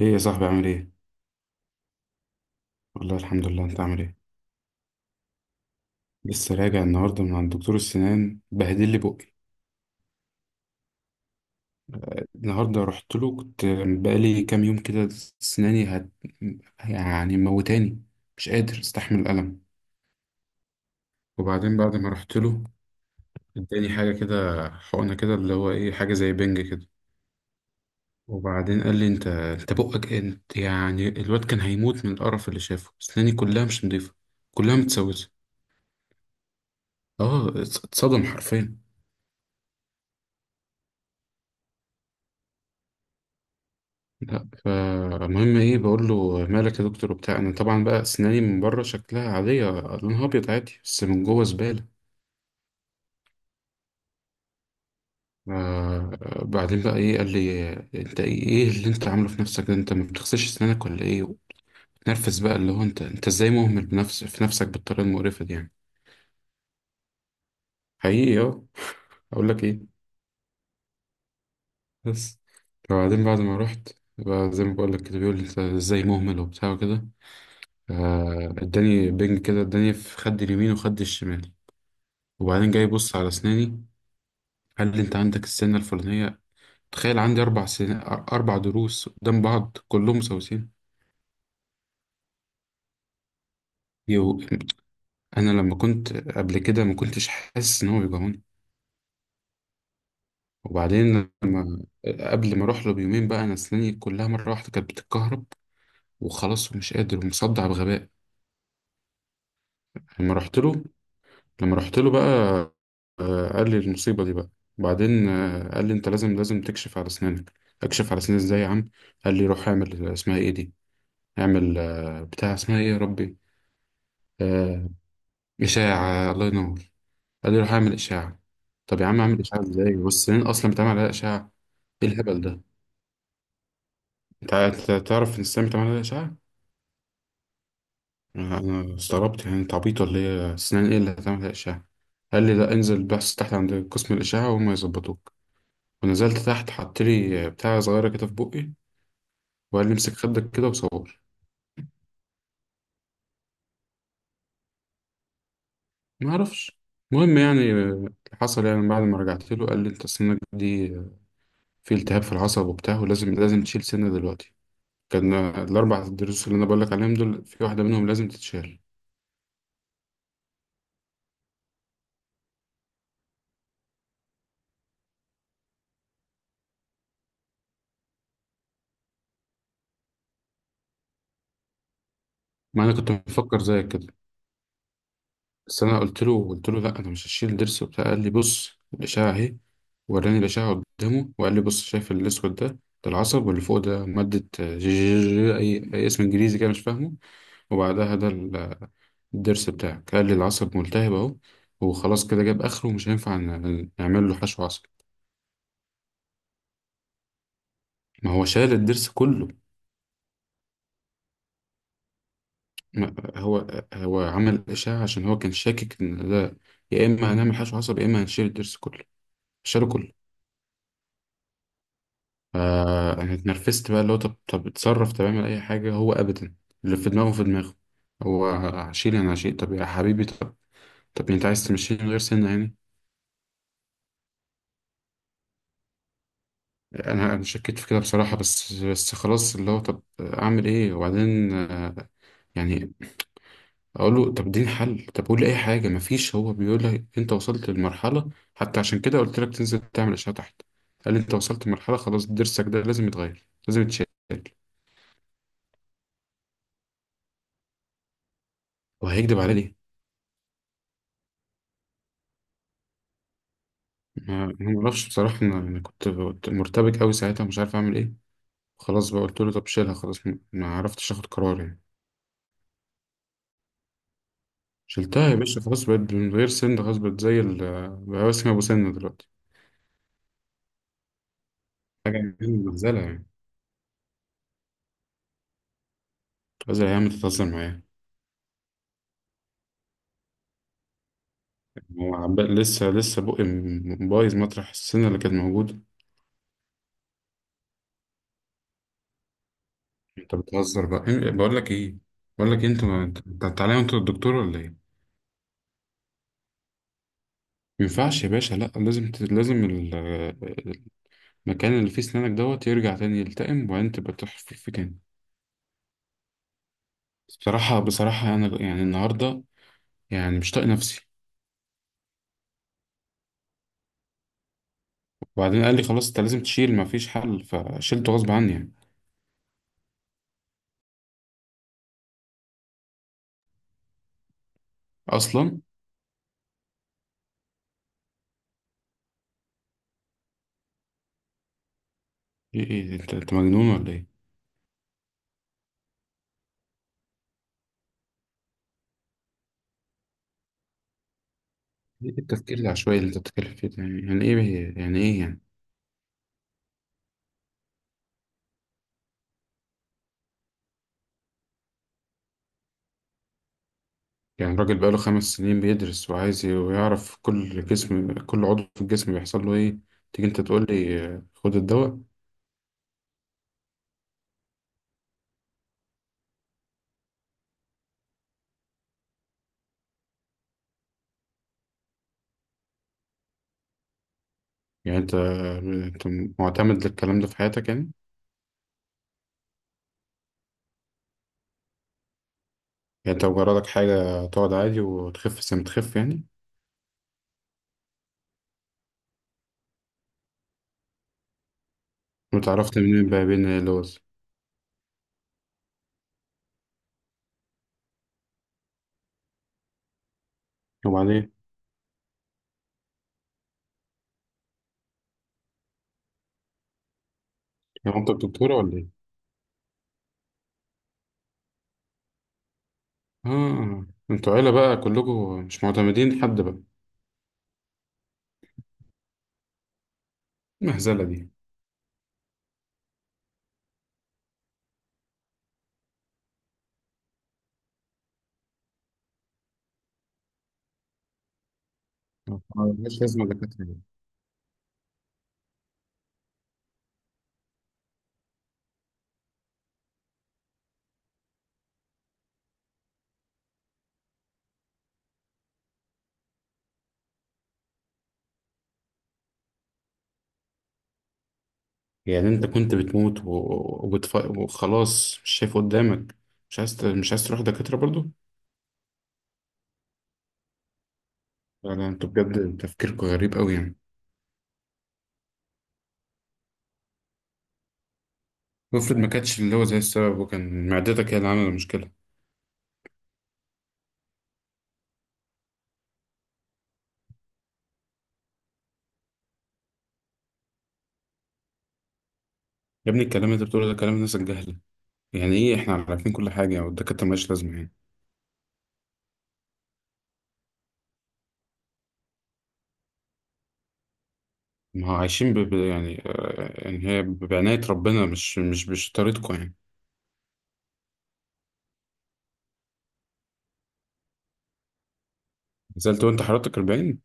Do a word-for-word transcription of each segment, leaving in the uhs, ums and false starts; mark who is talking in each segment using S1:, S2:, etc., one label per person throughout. S1: ليه يا صاحبي عامل ايه؟ والله الحمد لله، انت عامل ايه؟ لسه راجع النهارده من عند دكتور السنان، بهدل لي بقي. النهارده رحت له. كنت بقالي كام يوم كده سناني هت... يعني موتاني، مش قادر استحمل الألم. وبعدين بعد ما رحت له اداني حاجة كده، حقنة كده اللي هو ايه، حاجة زي بنج كده. وبعدين قال لي انت انت بقك، انت يعني الواد كان هيموت من القرف اللي شافه، سناني كلها مش نضيفة، كلها متسوسة. اه، اتصدم حرفيا. لا، فالمهم ايه، بقول له مالك يا دكتور وبتاع، انا طبعا بقى اسناني من بره شكلها عاديه لونها ابيض عادي، بس من جوه زباله. آه بعدين بقى ايه، قال لي انت ايه، إيه اللي انت عامله في نفسك ده، انت ما بتغسلش اسنانك ولا ايه؟ نرفز بقى، اللي هو انت انت ازاي مهمل بنفس في نفسك بالطريقه المقرفه دي يعني. حقيقي اه. اقول لك ايه، بس. فبعدين بعد ما رحت، بقى زي ما بقول لك كده بيقول لي انت ازاي مهمل وبتاع وكده. آه، اداني بنج كده، اداني في خد اليمين وخد الشمال. وبعدين جاي يبص على أسناني، قال لي أنت عندك السنة الفلانية. تخيل، عندي أربع سن... أربع ضروس قدام بعض كلهم مسوسين. يو... أنا لما كنت قبل كده ما كنتش حاسس إن هو بيجعوني. وبعدين لما قبل ما أروح له بيومين بقى، أنا أسناني كلها مرة واحدة كانت بتتكهرب، وخلاص ومش قادر ومصدع بغباء. لما رحت له، لما رحت له بقى، آه، قال لي المصيبة دي بقى. بعدين آه، قال لي أنت لازم لازم تكشف على أسنانك. أكشف على أسناني إزاي يا عم؟ قال لي روح اعمل اسمها إيه دي، يعمل آه، بتاع، اسمها ايه يا ربي؟ آه، إشاعة، الله ينور. قال لي روح اعمل إشاعة. طب يا عم اعمل إشاعة ازاي، والسنين أصلا بتعمل عليها إشاعة؟ ايه الهبل ده؟ انت عا- تعرف ان السنين بتعمل عليها إشاعة؟ أنا أنا استغربت يعني، انت عبيط ولا ايه؟ السنين ايه اللي هتعمل عليها إشاعة؟ قال لي لا، انزل بحث تحت عند قسم الإشاعة وهم يظبطوك. ونزلت تحت، حط لي بتاع صغيرة كده في بقي، وقال لي امسك خدك كده وصور. ما اعرفش. المهم يعني آه، اللي حصل يعني، بعد ما رجعت له قال لي انت سنك دي في التهاب في العصب وبتاع، ولازم لازم تشيل سنة دلوقتي. كان الأربع دروس اللي أنا بقول لك عليهم دول، في واحدة منهم لازم تتشال. ما أنا كنت مفكر زيك كده. بس أنا قلت له، قلت له لا أنا مش هشيل ضرس وبتاع. قال لي بص الأشعة أهي. وراني الأشعة قدامه وقال لي بص، شايف الأسود ده؟ ده العصب، واللي فوق ده مادة جي جي جي أي, أي اسم إنجليزي كده مش فاهمه. وبعدها ده ال- الضرس بتاعك. قال لي العصب ملتهب أهو، وخلاص كده جاب آخره ومش هينفع ن- نعمل له حشو عصب. ما هو شال الضرس كله. ما- هو هو عمل إشاعة عشان هو كان شاكك إن ده، يا إما هنعمل حشو عصب يا إما هنشيل الضرس كله. شالوا كله. فأنا اتنرفزت بقى، اللي هو طب، طب اتصرف، طب اعمل أي حاجة. هو أبدا، اللي في دماغه في دماغه. هو هشيل، أنا هشيل، طب يا حبيبي، طب. طب أنت عايز تمشيني من غير سنة يعني؟ أنا أنا شكيت في كده بصراحة، بس بس خلاص اللي هو طب أعمل إيه؟ وبعدين آه، يعني اقول له طب اديني حل، طب قول لي اي حاجه، مفيش. هو بيقول لي انت وصلت للمرحله، حتى عشان كده قلت لك تنزل تعمل اشعه تحت. قال لي انت وصلت لمرحله خلاص، ضرسك ده لازم يتغير، لازم يتشال. وهيكدب على ليه؟ ما أنا ما اعرفش بصراحه، انا أنا كنت كنت مرتبك قوي ساعتها، مش عارف اعمل ايه. خلاص بقى قلت له طب شيلها خلاص، ما ما عرفتش اخد قرار يعني. شلتها يا باشا، خلاص بقت من غير سن، خلاص بقت زي ال، بقى اسمها ابو سن دلوقتي. حاجه مهزله يعني. هزل يا عم، تتهزر معايا؟ هو عب- لسه لسه بقى م- بايظ مطرح السنة اللي كانت موجودة. انت بتهزر بقى، إيه- بقول لك ايه، بقول لك إيه، انت ما- انت أنت تعالى، انت الدكتور ولا ايه؟ ما ينفعش يا باشا، لا لازم ت- لازم ال- المكان اللي فيه سنانك دوت يرجع تاني يلتئم، وبعدين تبقى تحفر فيه تاني. بصراحة، بصراحة انا يعني النهاردة يعني مش طايق نفسي. وبعدين قال لي خلاص انت لازم تشيل، ما فيش حل، فشيلته غصب عني يعني. اصلا ايه، إيه، انت انت مجنون ولا ايه؟ ايه التفكير العشوائي اللي انت بتتكلم فيه ده يعني؟ ايه يعني، ايه يعني؟ يعني الراجل بقاله خمس سنين بيدرس وعايز ي- ويعرف كل جسم، كل عضو في الجسم بيحصل له ايه. تيجي انت تقول لي آه، خد الدواء؟ يعني انت انت معتمد للكلام ده في حياتك يعني؟ يعني انت مجردك حاجة تقعد عادي وتخف زي ما تخف يعني؟ وتعرفت منين بقى بين اللوز؟ وبعدين هو انت الدكتورة ولا ايه؟ اه، انتوا عيلة بقى كلكم مش معتمدين حد بقى. المهزلة دي ملهاش لازمة دكاترة يعني؟ انت كنت بتموت و... وبتف... وخلاص مش شايف قدامك، مش عايز ت... مش عايز تروح دكاترة برضو؟ لا لا، انتوا بجد تفكيركم غريب قوي يعني. وافرض ما كانتش اللي هو زي السبب، وكان معدتك هي اللي عاملة المشكلة؟ يا ابني الكلام اللي انت بتقوله ده كلام الناس الجهلة. يعني ايه احنا عارفين كل حاجة والدكاترة مالهاش لازمة يعني؟ ما هو عايشين ب... ب... يعني آه، يعني هي بعناية ربنا، مش مش مش طريقتكم يعني. نزلت وانت حضرتك أربعين؟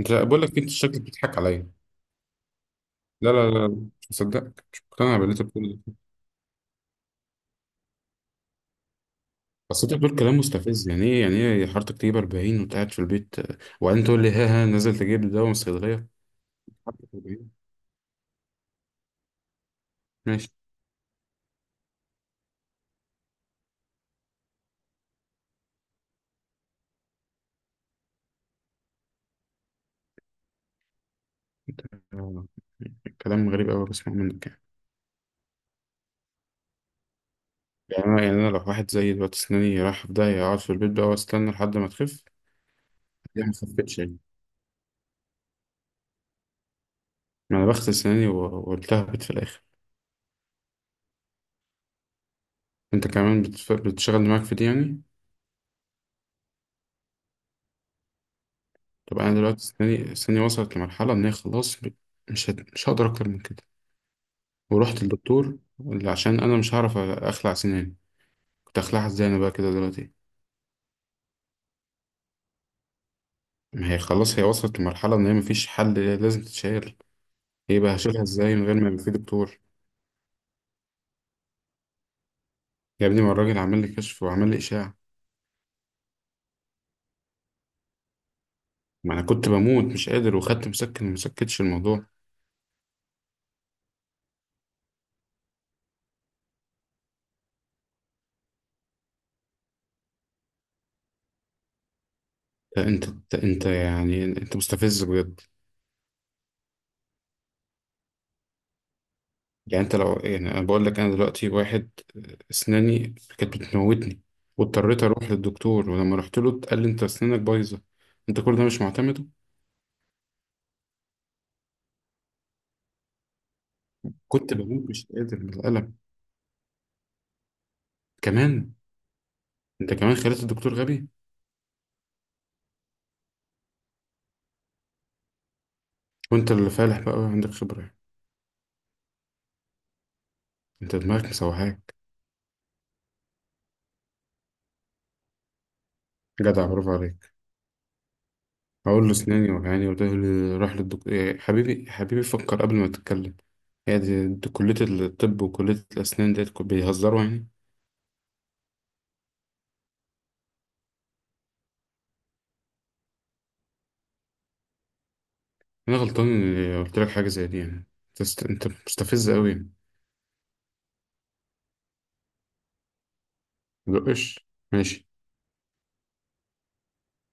S1: انت بقول لك انت شكلك بتضحك عليا. لا لا لا، مش مصدقك، مش مقتنع باللي انت بتقوله ده. بس انت بتقول كلام مستفز. يعني ايه، يعني ايه حضرتك تجيب أربعين وانت قاعد في البيت، آه، وبعدين تقول لي ها ها نازل تجيب دواء من الصيدليه؟ حضرتك أربعين. ماشي. انت آه، كلام غريب قوي بسمعه منك يعني. يعني انا، يعني انا لو واحد زي دلوقتي اسناني رايحه في داهيه اقعد في البيت بقى واستنى لحد ما تخف؟ هي ما خفتش يعني. ما انا بغسل اسناني و- والتهبت في الاخر. انت كمان بتف- بتشغل دماغك في دي يعني؟ طب انا دلوقتي اسناني، اسناني وصلت لمرحله ان هي خلاص ب-، مش هت- مش هقدر اكتر من كده. ورحت للدكتور اللي عشان انا مش هعرف أ- اخلع سناني. كنت هخلعها ازاي انا بقى كده دلوقتي؟ ما هي خلاص هي وصلت لمرحلة ان هي مفيش حل، هي لازم تتشال. ايه بقى، هشيلها ازاي من غير ما يبقى في دكتور؟ يا ابني، ما الراجل عمل لي كشف وعمل لي اشعة. ما انا كنت بموت مش قادر، وخدت مسكن وما سكتش الموضوع. لا انت انت انت يعني، انت مستفز بجد. يعني انت لو، يعني انا بقول لك انا دلوقتي واحد اسناني كانت بتموتني، واضطريت اروح للدكتور، ولما رحت له قال لي انت اسنانك بايظة، انت كل ده مش معتمده؟ كنت بموت مش قادر من الألم كمان. انت كمان خليت الدكتور غبي؟ وانت اللي فالح بقى وعندك خبرة يعني. انت دماغك مسوحاك. جدع، برافو عليك. هقول له اسناني وجعاني وده اللي راح للدكتور؟ يا حبيبي، حبيبي فكر قبل ما تتكلم. هي دي, دي كلية الطب وكلية الأسنان، ديت كو- بيهزروا يعني؟ أنا غلطان إني قلت لك حاجة زي دي يعني. أنت است- أنت مستفز أوي. مدقش. ماشي.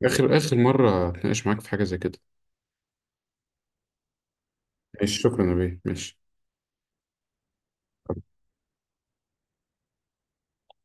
S1: آخر آخر مرة هتناقش معاك في حاجة زي كده. ماشي، شكرا يا بيه، ماشي.